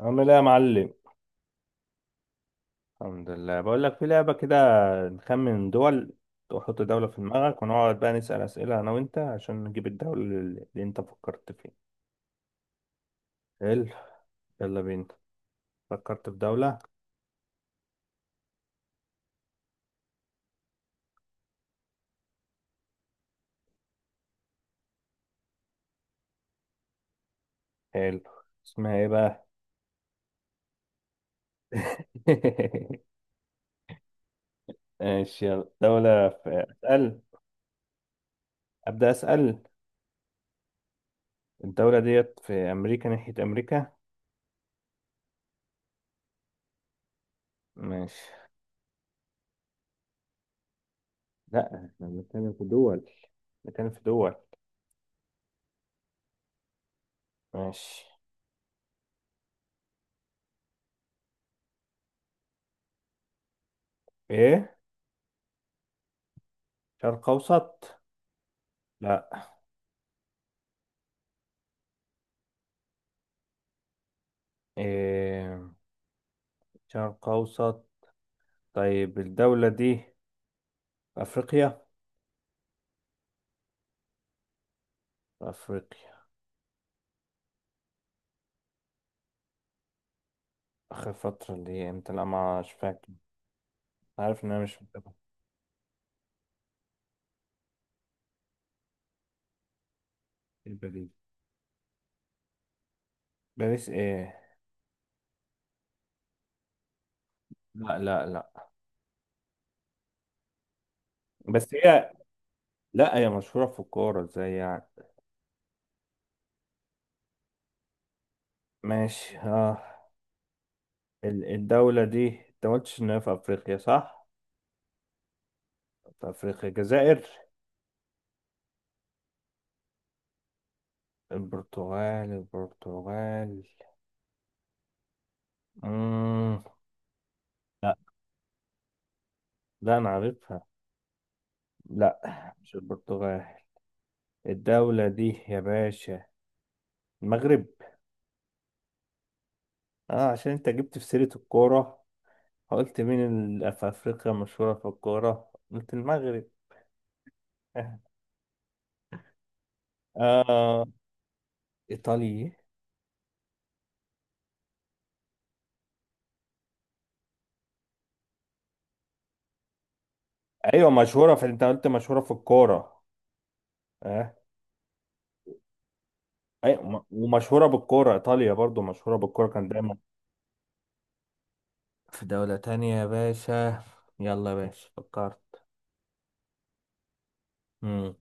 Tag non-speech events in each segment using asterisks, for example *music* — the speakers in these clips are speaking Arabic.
عامل ايه يا معلم؟ الحمد لله، بقول لك في لعبة كده، نخمن دول. وحط دولة في دماغك ونقعد بقى نسأل أسئلة أنا وأنت عشان نجيب الدولة اللي أنت فكرت فيها. حلو، يلا بينا. فكرت في دولة؟ حلو، اسمها إيه بقى؟ *laughs* ماشي يلا، دولة في، أسأل. أبدأ أسأل. الدولة ديت في أمريكا، ناحية أمريكا؟ ماشي، لا احنا بنتكلم في دول، بنتكلم في دول. ماشي. إيه؟ شرق أوسط؟ لا. إيه؟ شرق أوسط؟ طيب الدولة دي في أفريقيا؟ في أفريقيا. آخر فترة اللي هي إمتى؟ لا مش فاكر، عارف إن أنا مش متابع. إيه باريس؟ باريس إيه؟ لا لا لا، بس هي، لا هي مشهورة في الكورة إزاي يعني؟ ماشي آه. الدولة دي أنت ما قلتش إن هي في أفريقيا صح؟ في أفريقيا، الجزائر؟ البرتغال؟ البرتغال؟ مم. لا، لا أنا عارفها. لا مش البرتغال. الدولة دي يا باشا المغرب. اه عشان انت جبت في سيرة الكورة، قلت مين اللي في افريقيا مشهورة في الكورة، قلت المغرب. *laughs* اه، ايطالي. ايوه مشهورة في، انت قلت مشهورة في الكورة. اه ايوه، ومشهورة بالكورة، ايطاليا برضو مشهورة بالكورة كان دايما. في دولة تانية يا باشا. يلا يا باشا، فكرت؟ مم.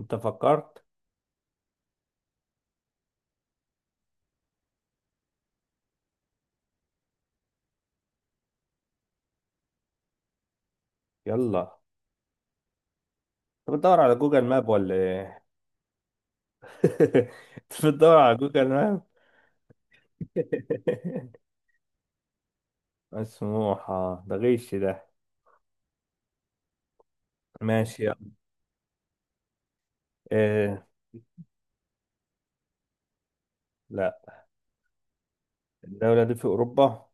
انت فكرت؟ يلا. انت بتدور على جوجل ماب ولا ايه؟ *laughs* انت بتدور على جوجل ماب؟ *laughs* مسموحة؟ ده غش ده. ماشي. إيه؟ لا. الدولة دي في أوروبا؟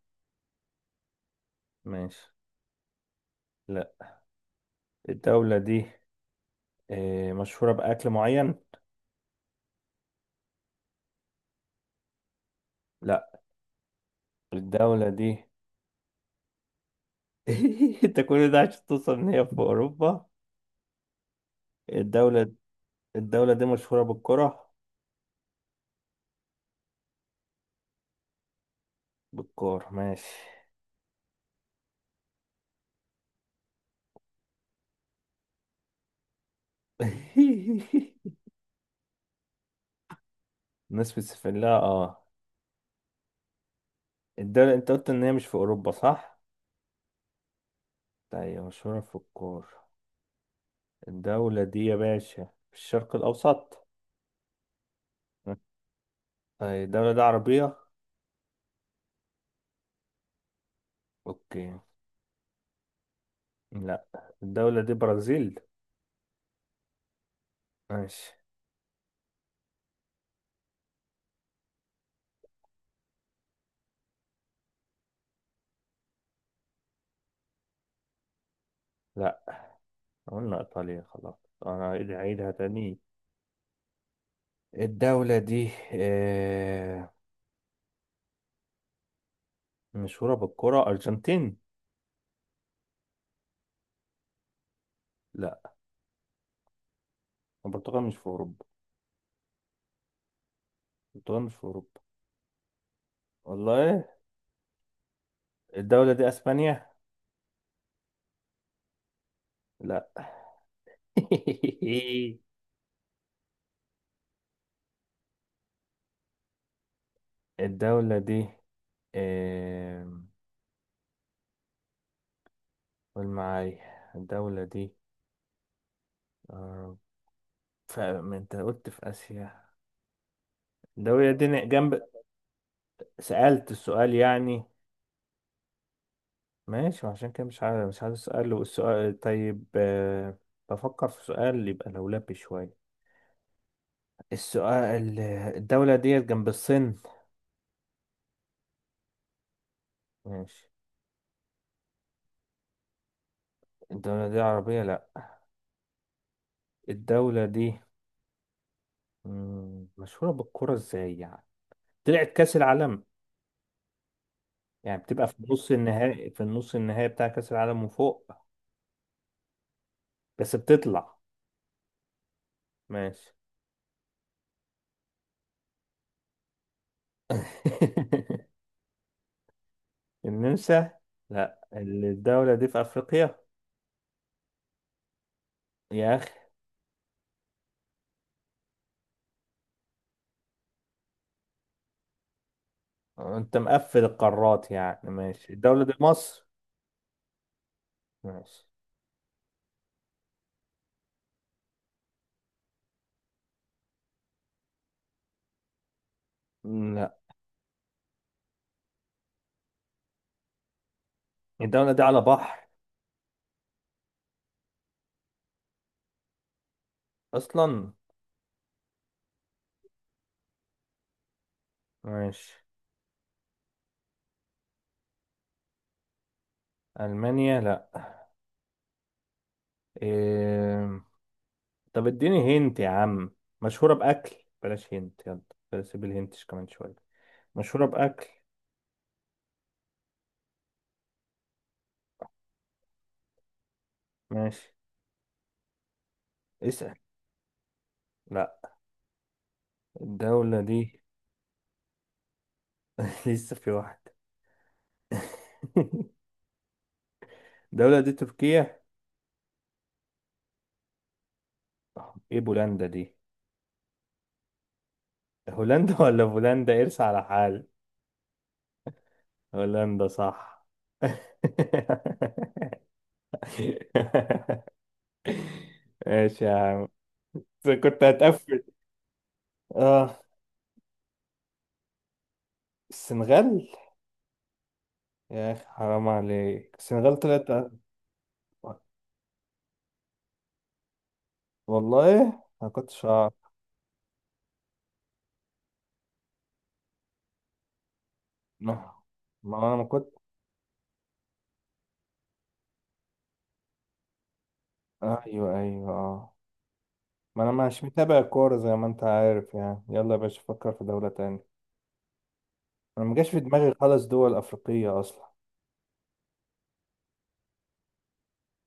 ماشي. لا. الدولة دي إيه، مشهورة بأكل معين؟ لا. الدولة دي. *laughs* انت كل ده عشان توصل ان هي في أوروبا؟ الدولة، الدولة دي مشهورة بالكرة؟ بالكرة، ماشي. *laughs* الناس بتسافر لها، اه. الدولة انت قلت ان هي مش في أوروبا صح؟ طيب مشهورة في الكورة. الدولة دي يا باشا في الشرق الأوسط. طيب الدولة دي عربية؟ اوكي. لا الدولة دي برازيل؟ ماشي. لا قلنا إيطاليا خلاص، أنا هعيدها تاني. الدولة دي آه، مشهورة بالكرة، أرجنتين؟ لا، البرتغال مش في أوروبا. البرتغال مش في أوروبا. والله إيه؟ الدولة دي أسبانيا؟ لا. *laughs* الدولة دي آه، قول معايا، الدولة دي آه، ما أنت قلت في آسيا. الدولة دي جنب. سألت السؤال يعني. ماشي وعشان كده مش عارف، مش عارف السؤال، والسؤال طيب آه، بفكر في سؤال يبقى لولبي شوية. السؤال، الدولة دي جنب الصين؟ ماشي. الدولة دي عربية؟ لا. الدولة دي مم، مشهورة بالكرة ازاي يعني؟ طلعت كأس العالم؟ يعني بتبقى في نص النهائي، في النص النهائي بتاع كأس العالم وفوق؟ بس بتطلع؟ ماشي. *laughs* النمسا؟ لا الدولة دي في أفريقيا؟ يا، انت مقفل القارات يعني. ماشي الدولة دي مصر؟ ماشي. لا. الدولة دي على بحر اصلا؟ ماشي. المانيا؟ لا. إيه... طب اديني هنت يا عم، مشهورة باكل، بلاش هنت، يلا بلاش سيب الهنتش كمان شوية. مشهورة باكل. ماشي، اسأل. لا. الدولة دي، *laughs* لسه في واحدة. *laughs* الدولة دي تركيا؟ ايه بولندا دي؟ هولندا ولا بولندا؟ ارسى على حال. هولندا صح. *laughs* ماشي يا عم، بس كنت هتقفل. اه، السنغال. يا اخي حرام عليك، السنغال طلعت. والله ما كنتش اعرف. ما ما انا ما كنت. ايوه ايوه اه، ما انا مش متابع الكوره زي ما انت عارف يعني. يلا يا باشا فكر في دولة تانية. انا ما جاش في دماغي خالص دول افريقية اصلا.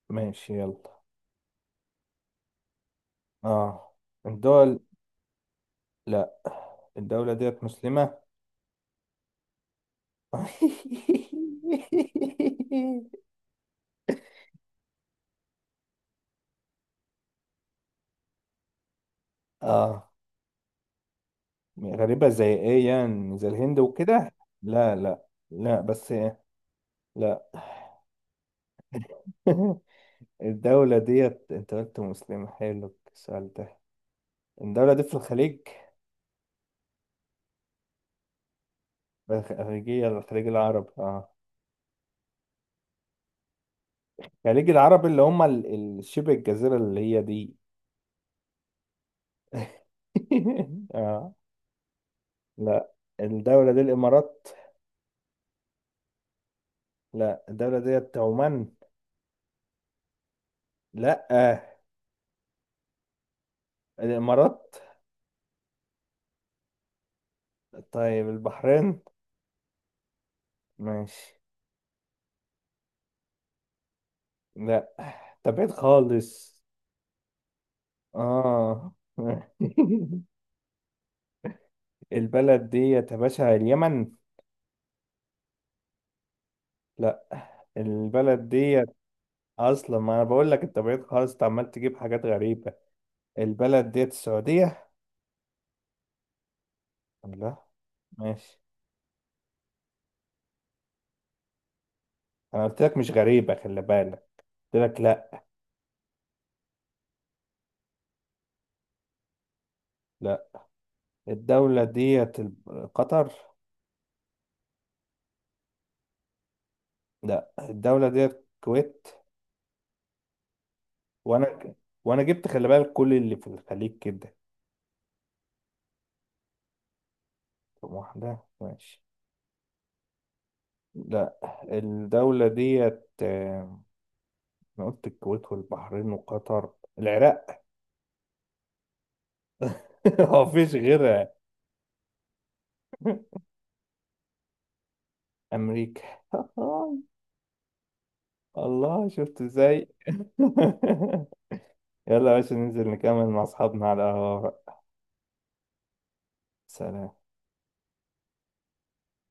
ماشي، يلا، اه. الدول، لا. الدولة ديت مسلمة؟ *laughs* اه، غريبة زي ايه يعني؟ زي الهند وكده؟ لا، بس لا. *laughs* الدولة ديت انت قلت مسلمة، حلو السؤال ده. الدولة دي في الخليج، الخليجية، الخليج العربي، اه الخليج العربي اللي هم شبه الجزيرة اللي هي دي. *laughs* اه. لا. الدولة دي الامارات؟ لا الدولة ديت عمان؟ لا الامارات. طيب البحرين؟ ماشي. لا ده بعيد خالص. اه *laughs* البلد ديت يا باشا اليمن؟ لا، البلد ديت اصلا، ما انا بقول لك انت بعيد خالص، انت عمال تجيب حاجات غريبه. البلد ديت السعوديه؟ لا. ماشي. انا قلت لك مش غريبه، خلي بالك قلت لك لا. لا. الدوله ديت قطر؟ لا الدوله ديت الكويت؟ وانا وانا جبت، خلي بالك كل اللي في الخليج كده. طب واحده، ماشي. لا. الدولة ديت آه، أنا قلت الكويت والبحرين وقطر، العراق؟ *laughs* هو مفيش غيرها. أمريكا؟ *laughs* الله، شفت ازاي؟ *laughs* يلا يا باشا ننزل نكمل مع أصحابنا على القهوة بقى. سلام.